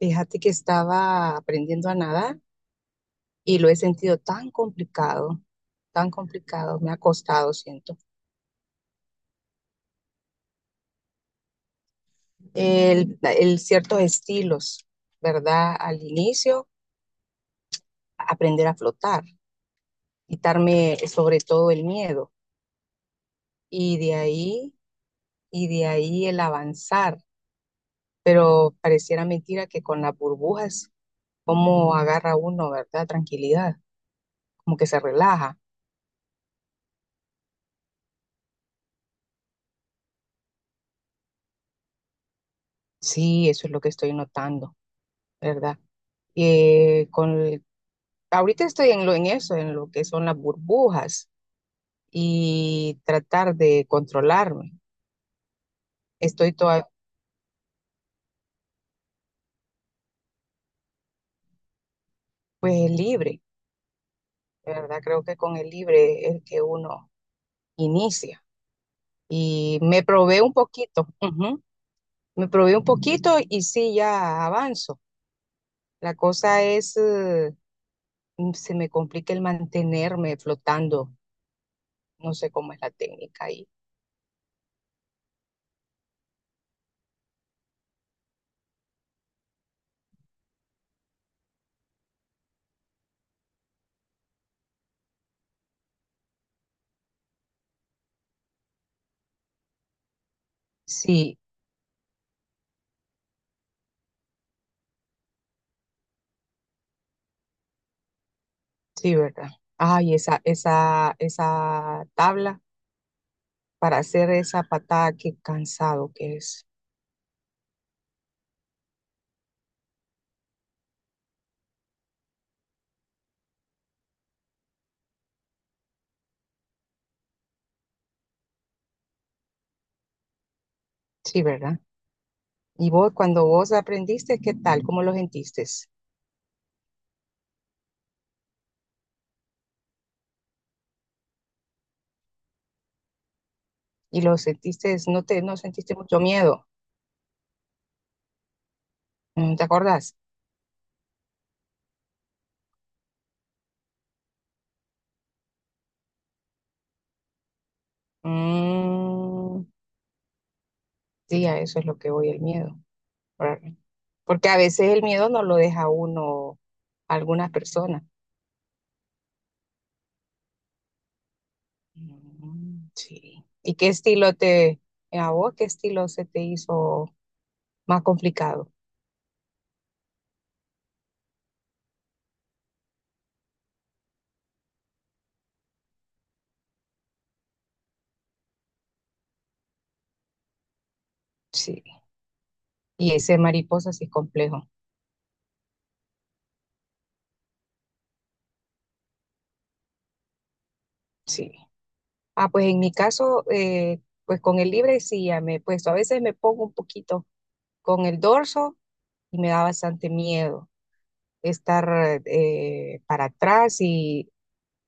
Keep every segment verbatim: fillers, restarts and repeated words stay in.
Fíjate que estaba aprendiendo a nadar y lo he sentido tan complicado, tan complicado, me ha costado, siento. El, el ciertos estilos, ¿verdad? Al inicio, aprender a flotar, quitarme sobre todo el miedo y de ahí, y de ahí el avanzar. Pero pareciera mentira que con las burbujas, cómo agarra uno, ¿verdad? Tranquilidad, como que se relaja. Sí, eso es lo que estoy notando, ¿verdad? eh, con, ahorita estoy en lo, en eso, en lo que son las burbujas y tratar de controlarme. Estoy toda, pues libre, ¿verdad? Creo que con el libre es que uno inicia. Y me probé un poquito, ujú. Me probé un poquito y sí, ya avanzo. La cosa es, eh, se me complica el mantenerme flotando. No sé cómo es la técnica ahí. Sí, sí, ¿verdad? Ay, esa, esa, esa tabla, para hacer esa patada, qué cansado que es. Sí, ¿verdad? Y vos, cuando vos aprendiste, ¿qué tal? ¿Cómo lo sentiste? Y lo sentiste, no te, no sentiste mucho miedo. Mm, ¿te acordás? Mm, sí, a eso es lo que voy, el miedo, ¿verdad? Porque a veces el miedo no lo deja uno a algunas personas. Mm, sí. ¿Y qué estilo te, a vos, qué estilo se te hizo más complicado? Sí. Y ese mariposa sí es complejo. Sí. Ah, pues en mi caso, eh, pues con el libre sí ya me he puesto. A veces me pongo un poquito con el dorso y me da bastante miedo estar eh, para atrás y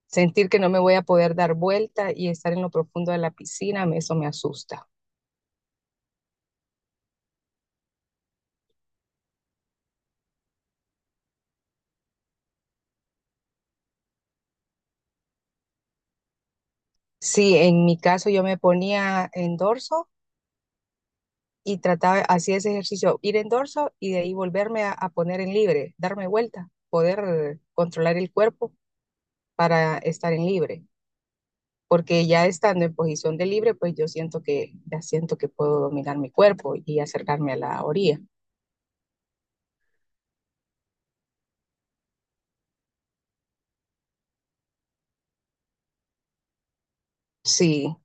sentir que no me voy a poder dar vuelta y estar en lo profundo de la piscina, me- eso me asusta. Sí, en mi caso yo me ponía en dorso y trataba, hacía ese ejercicio, ir en dorso y de ahí volverme a, a poner en libre, darme vuelta, poder controlar el cuerpo para estar en libre, porque ya estando en posición de libre, pues yo siento que ya siento que puedo dominar mi cuerpo y acercarme a la orilla. Sí,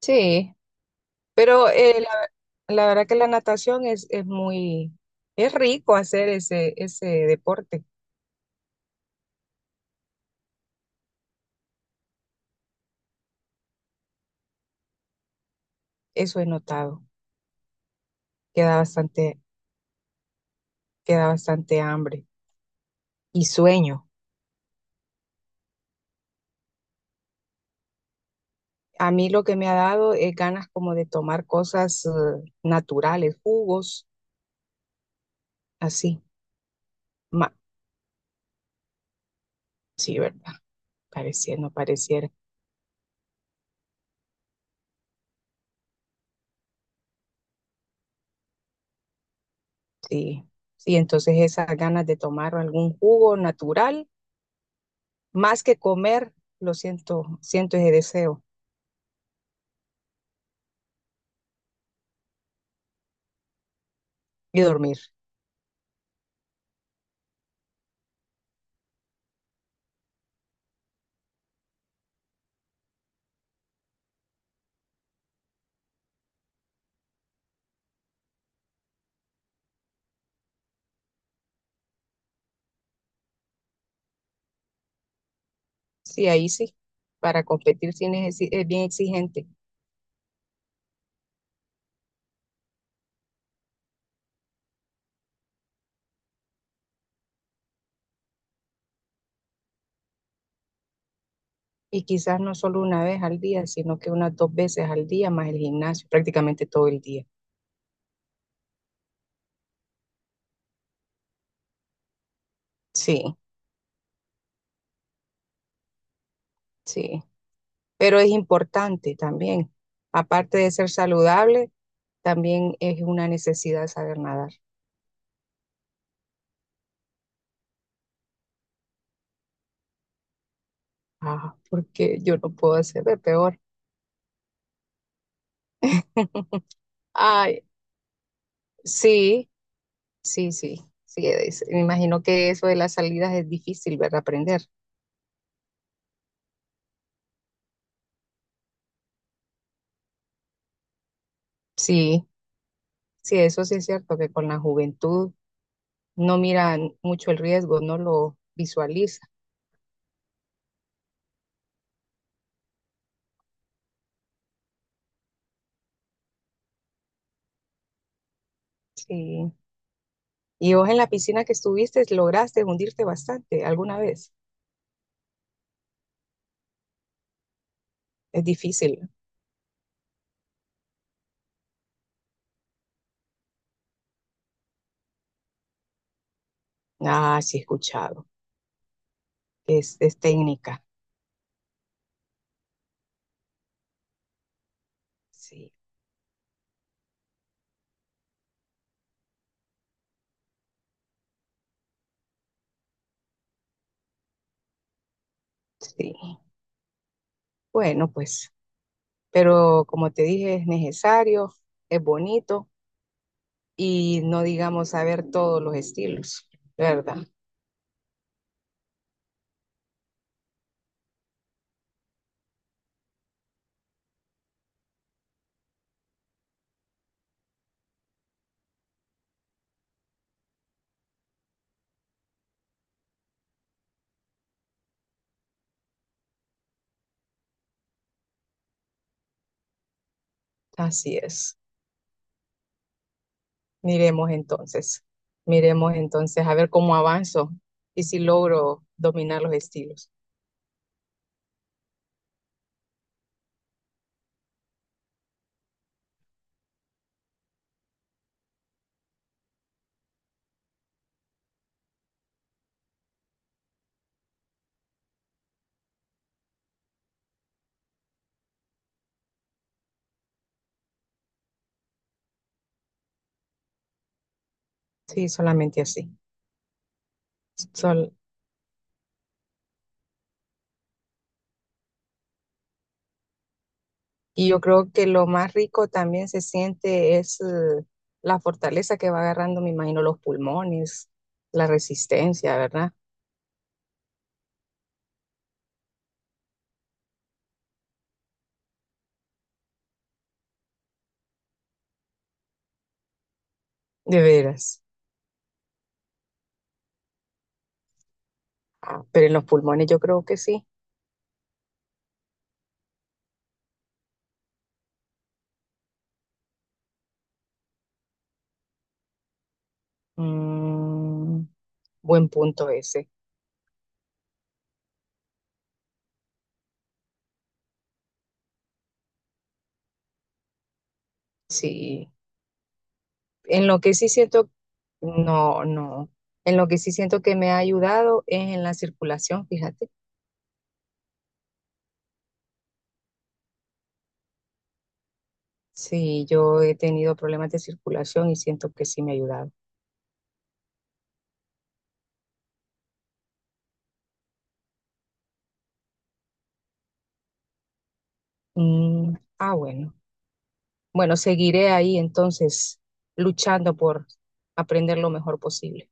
sí, pero eh, la, la verdad que la natación es, es muy, es rico hacer ese, ese deporte. Eso he notado, queda bastante, queda bastante hambre y sueño. A mí lo que me ha dado es ganas como de tomar cosas eh, naturales, jugos, así. Ma- sí, ¿verdad? Pareciera, no pareciera. Sí, sí, entonces esas ganas de tomar algún jugo natural, más que comer, lo siento, siento ese deseo. Y dormir. Sí, ahí sí. Para competir sí necesi- es bien exigente. Y quizás no solo una vez al día, sino que unas dos veces al día, más el gimnasio, prácticamente todo el día. Sí, sí, pero es importante también. Aparte de ser saludable, también es una necesidad saber nadar. Ah, porque yo no puedo hacer de peor. Ay, sí, sí, sí, sí. Es- me imagino que eso de las salidas es difícil, ¿verdad? Aprender. Sí, sí, eso sí es cierto, que con la juventud no miran mucho el riesgo, no lo visualiza. Sí. Y vos en la piscina que estuviste, lograste hundirte bastante alguna vez. Es difícil. Ah, sí, he escuchado. es, es técnica. Sí, sí. Bueno, pues, pero como te dije, es necesario, es bonito y no digamos saber todos los estilos, ¿verdad? Así es. Miremos entonces, miremos entonces a ver cómo avanzo y si logro dominar los estilos. Sí, solamente así. Sol- y yo creo que lo más rico también se siente es eh, la fortaleza que va agarrando, me imagino, los pulmones, la resistencia, ¿verdad? De veras. Ah, pero en los pulmones yo creo que sí. Mm, buen punto ese. Sí. En lo que sí siento, no, no. En lo que sí siento que me ha ayudado es en la circulación, fíjate. Sí, yo he tenido problemas de circulación y siento que sí me ha ayudado. Mm, ah, bueno. Bueno, seguiré ahí entonces luchando por aprender lo mejor posible.